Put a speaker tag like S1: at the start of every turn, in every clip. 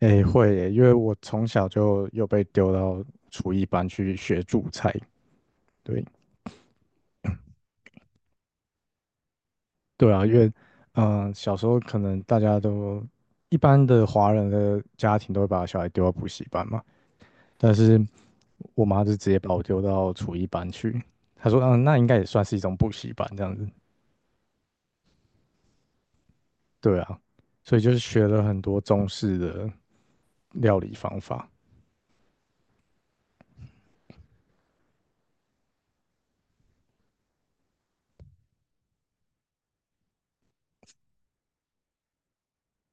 S1: 诶，会耶，因为我从小就又被丢到厨艺班去学煮菜。对。对啊，因为，小时候可能大家都一般的华人的家庭都会把小孩丢到补习班嘛，但是我妈就直接把我丢到厨艺班去。她说，那应该也算是一种补习班这样子。对啊，所以就是学了很多中式的料理方法。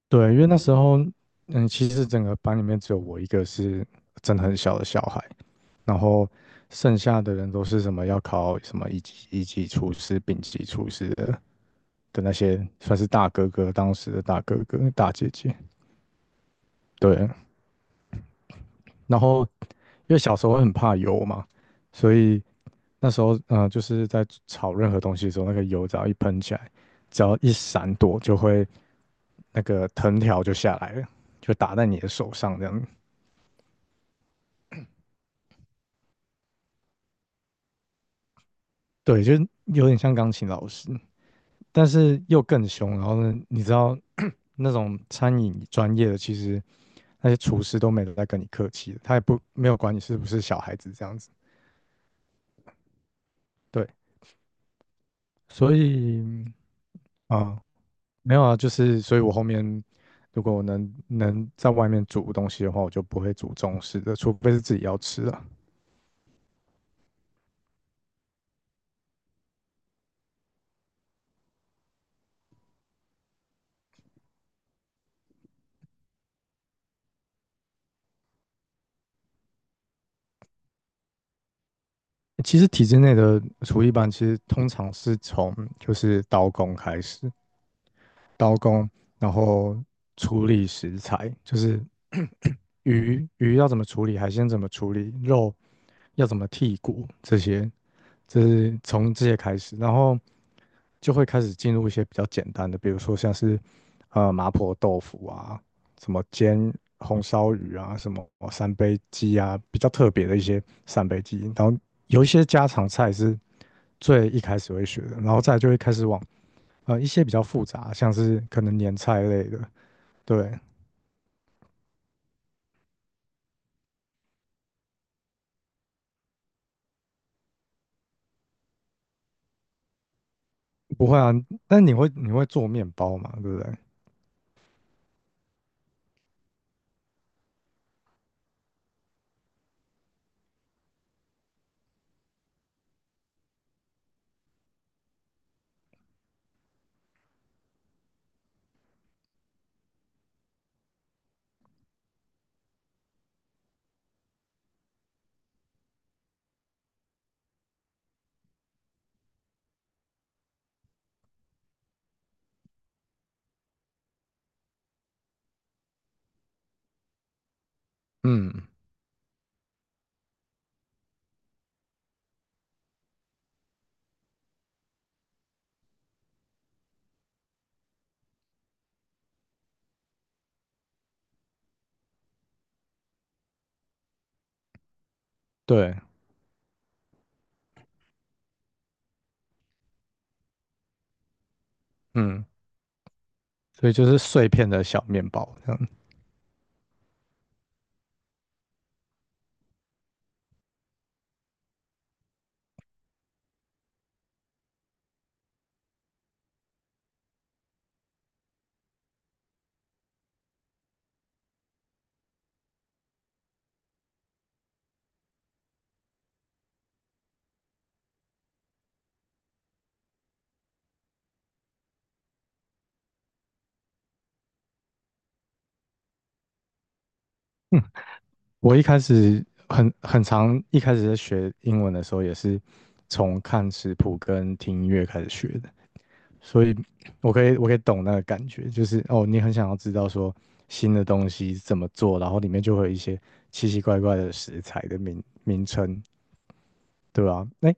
S1: 对，因为那时候，嗯，其实整个班里面只有我一个是真的很小的小孩，然后剩下的人都是什么要考什么一级一级厨师、丙级厨师的那些，算是大哥哥，当时的大哥哥、大姐姐。对，然后因为小时候会很怕油嘛，所以那时候嗯，就是在炒任何东西的时候，那个油只要一喷起来，只要一闪躲就会那个藤条就下来了，就打在你的手上这样。对，就是有点像钢琴老师。但是又更凶。然后呢，你知道 那种餐饮专业的，其实那些厨师都没有在跟你客气的，他也不没有管你是不是小孩子这样子。对，所以啊、没有啊，就是所以我后面如果我能在外面煮东西的话，我就不会煮中式的，除非是自己要吃的。其实体制内的厨艺班，其实通常是从就是刀工开始，刀工，然后处理食材，就是 鱼要怎么处理，海鲜怎么处理，肉要怎么剔骨，这些，这是从这些开始，然后就会开始进入一些比较简单的，比如说像是麻婆豆腐啊，什么煎红烧鱼啊，什么三杯鸡啊，比较特别的一些三杯鸡，然后有一些家常菜是最一开始会学的，然后再来就会开始往。啊，一些比较复杂，像是可能年菜类的，对。不会啊，但你会做面包嘛，对不对？嗯，对。嗯，所以就是碎片的小面包这样。嗯，我一开始很很长，一开始在学英文的时候也是从看食谱跟听音乐开始学的。所以我可以懂那个感觉，就是哦，你很想要知道说新的东西怎么做，然后里面就会有一些奇奇怪怪的食材的名称，对吧？哎，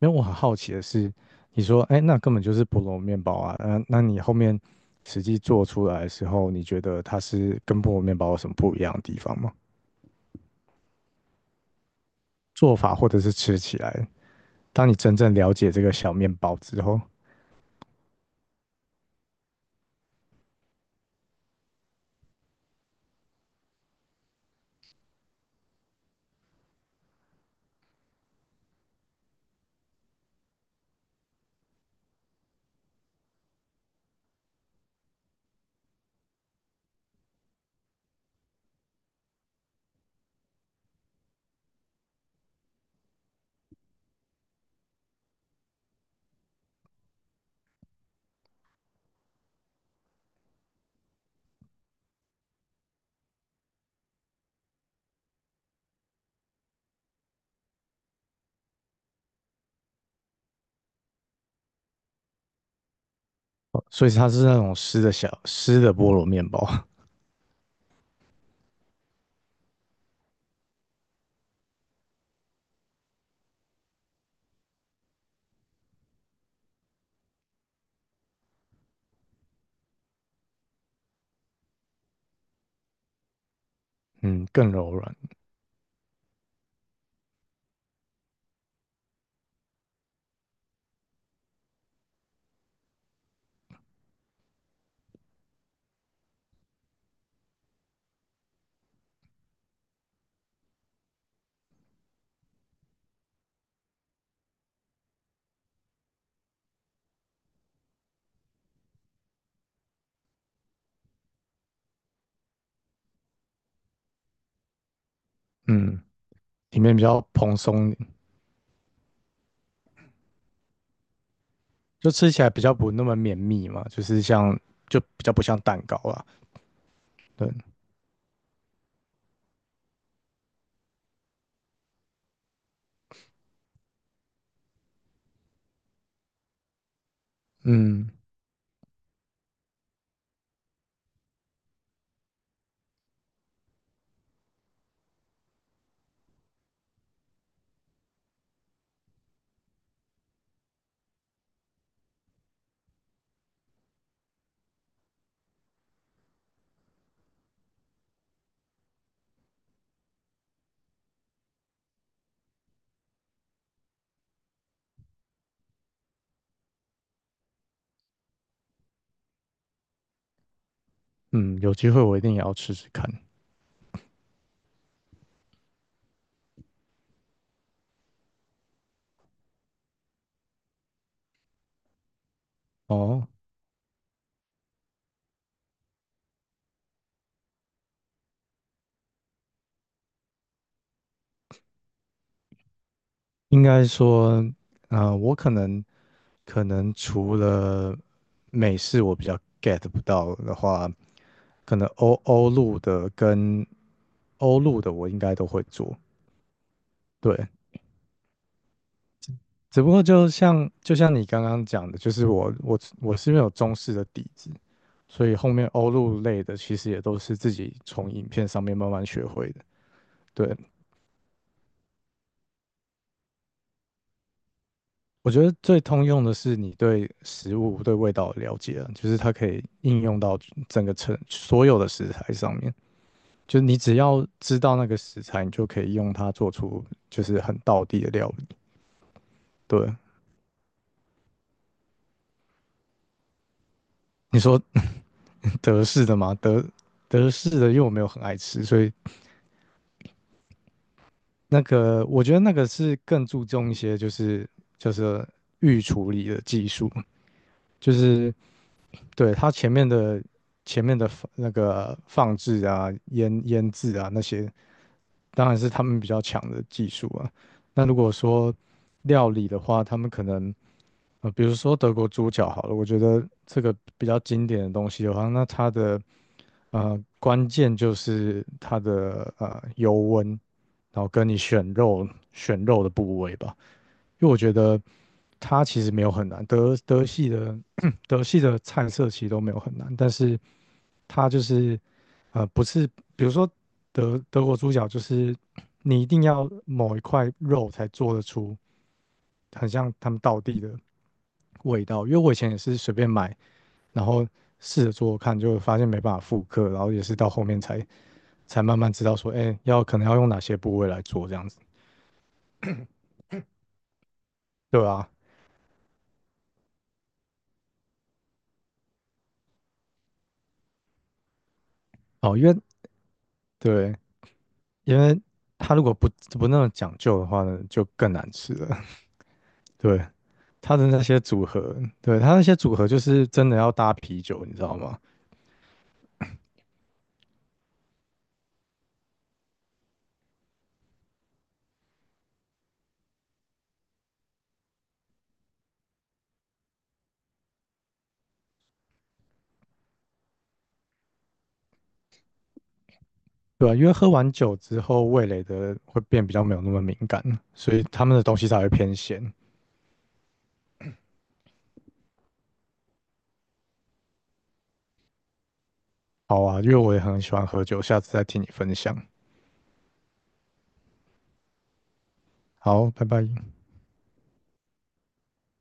S1: 因为我很好奇的是，你说哎，那根本就是菠萝面包啊，那你后面实际做出来的时候，你觉得它是跟菠萝面包有什么不一样的地方吗？做法或者是吃起来，当你真正了解这个小面包之后，哦所以它是那种湿的小湿的菠萝面包，嗯，更柔软。嗯。里面比较蓬松，就吃起来比较不那么绵密嘛，就是像就比较不像蛋糕啦。对。嗯嗯，有机会我一定也要吃吃看。哦，应该说，呃，我可能可能除了美式我比较 get 不到的话，可能欧陆的我应该都会做。对，只不过就像你刚刚讲的，就是我是因为有中式的底子，所以后面欧陆类的其实也都是自己从影片上面慢慢学会的。对，我觉得最通用的是你对食物、对味道的了解啊就是它可以应用到整个成所有的食材上面。就是你只要知道那个食材，你就可以用它做出就是很道地的料理。对，你说 德式的吗？德式的，因为我没有很爱吃，所以那个，我觉得那个是更注重一些，就是预处理的技术，就是对它前面的放那个放置啊、腌制啊那些，当然是他们比较强的技术啊。那如果说料理的话，他们可能比如说德国猪脚好了，我觉得这个比较经典的东西的话，那它的关键就是它的油温，然后跟你选肉的部位吧。因为我觉得它其实没有很难，德系的 德系的菜色其实都没有很难，但是它就是呃不是，比如说德国猪脚，就是你一定要某一块肉才做得出很像他们道地的味道，因为我以前也是随便买，然后试着做做看，就发现没办法复刻，然后也是到后面才慢慢知道说，哎，要可能要用哪些部位来做这样子。对啊。哦，因为对因为它如果不那么讲究的话呢，就更难吃了。对，它的那些组合，对，它那些组合就是真的要搭啤酒，你知道吗？对啊，因为喝完酒之后，味蕾的会变比较没有那么敏感，所以他们的东西才会偏咸。好啊，因为我也很喜欢喝酒，下次再听你分享。好，拜拜。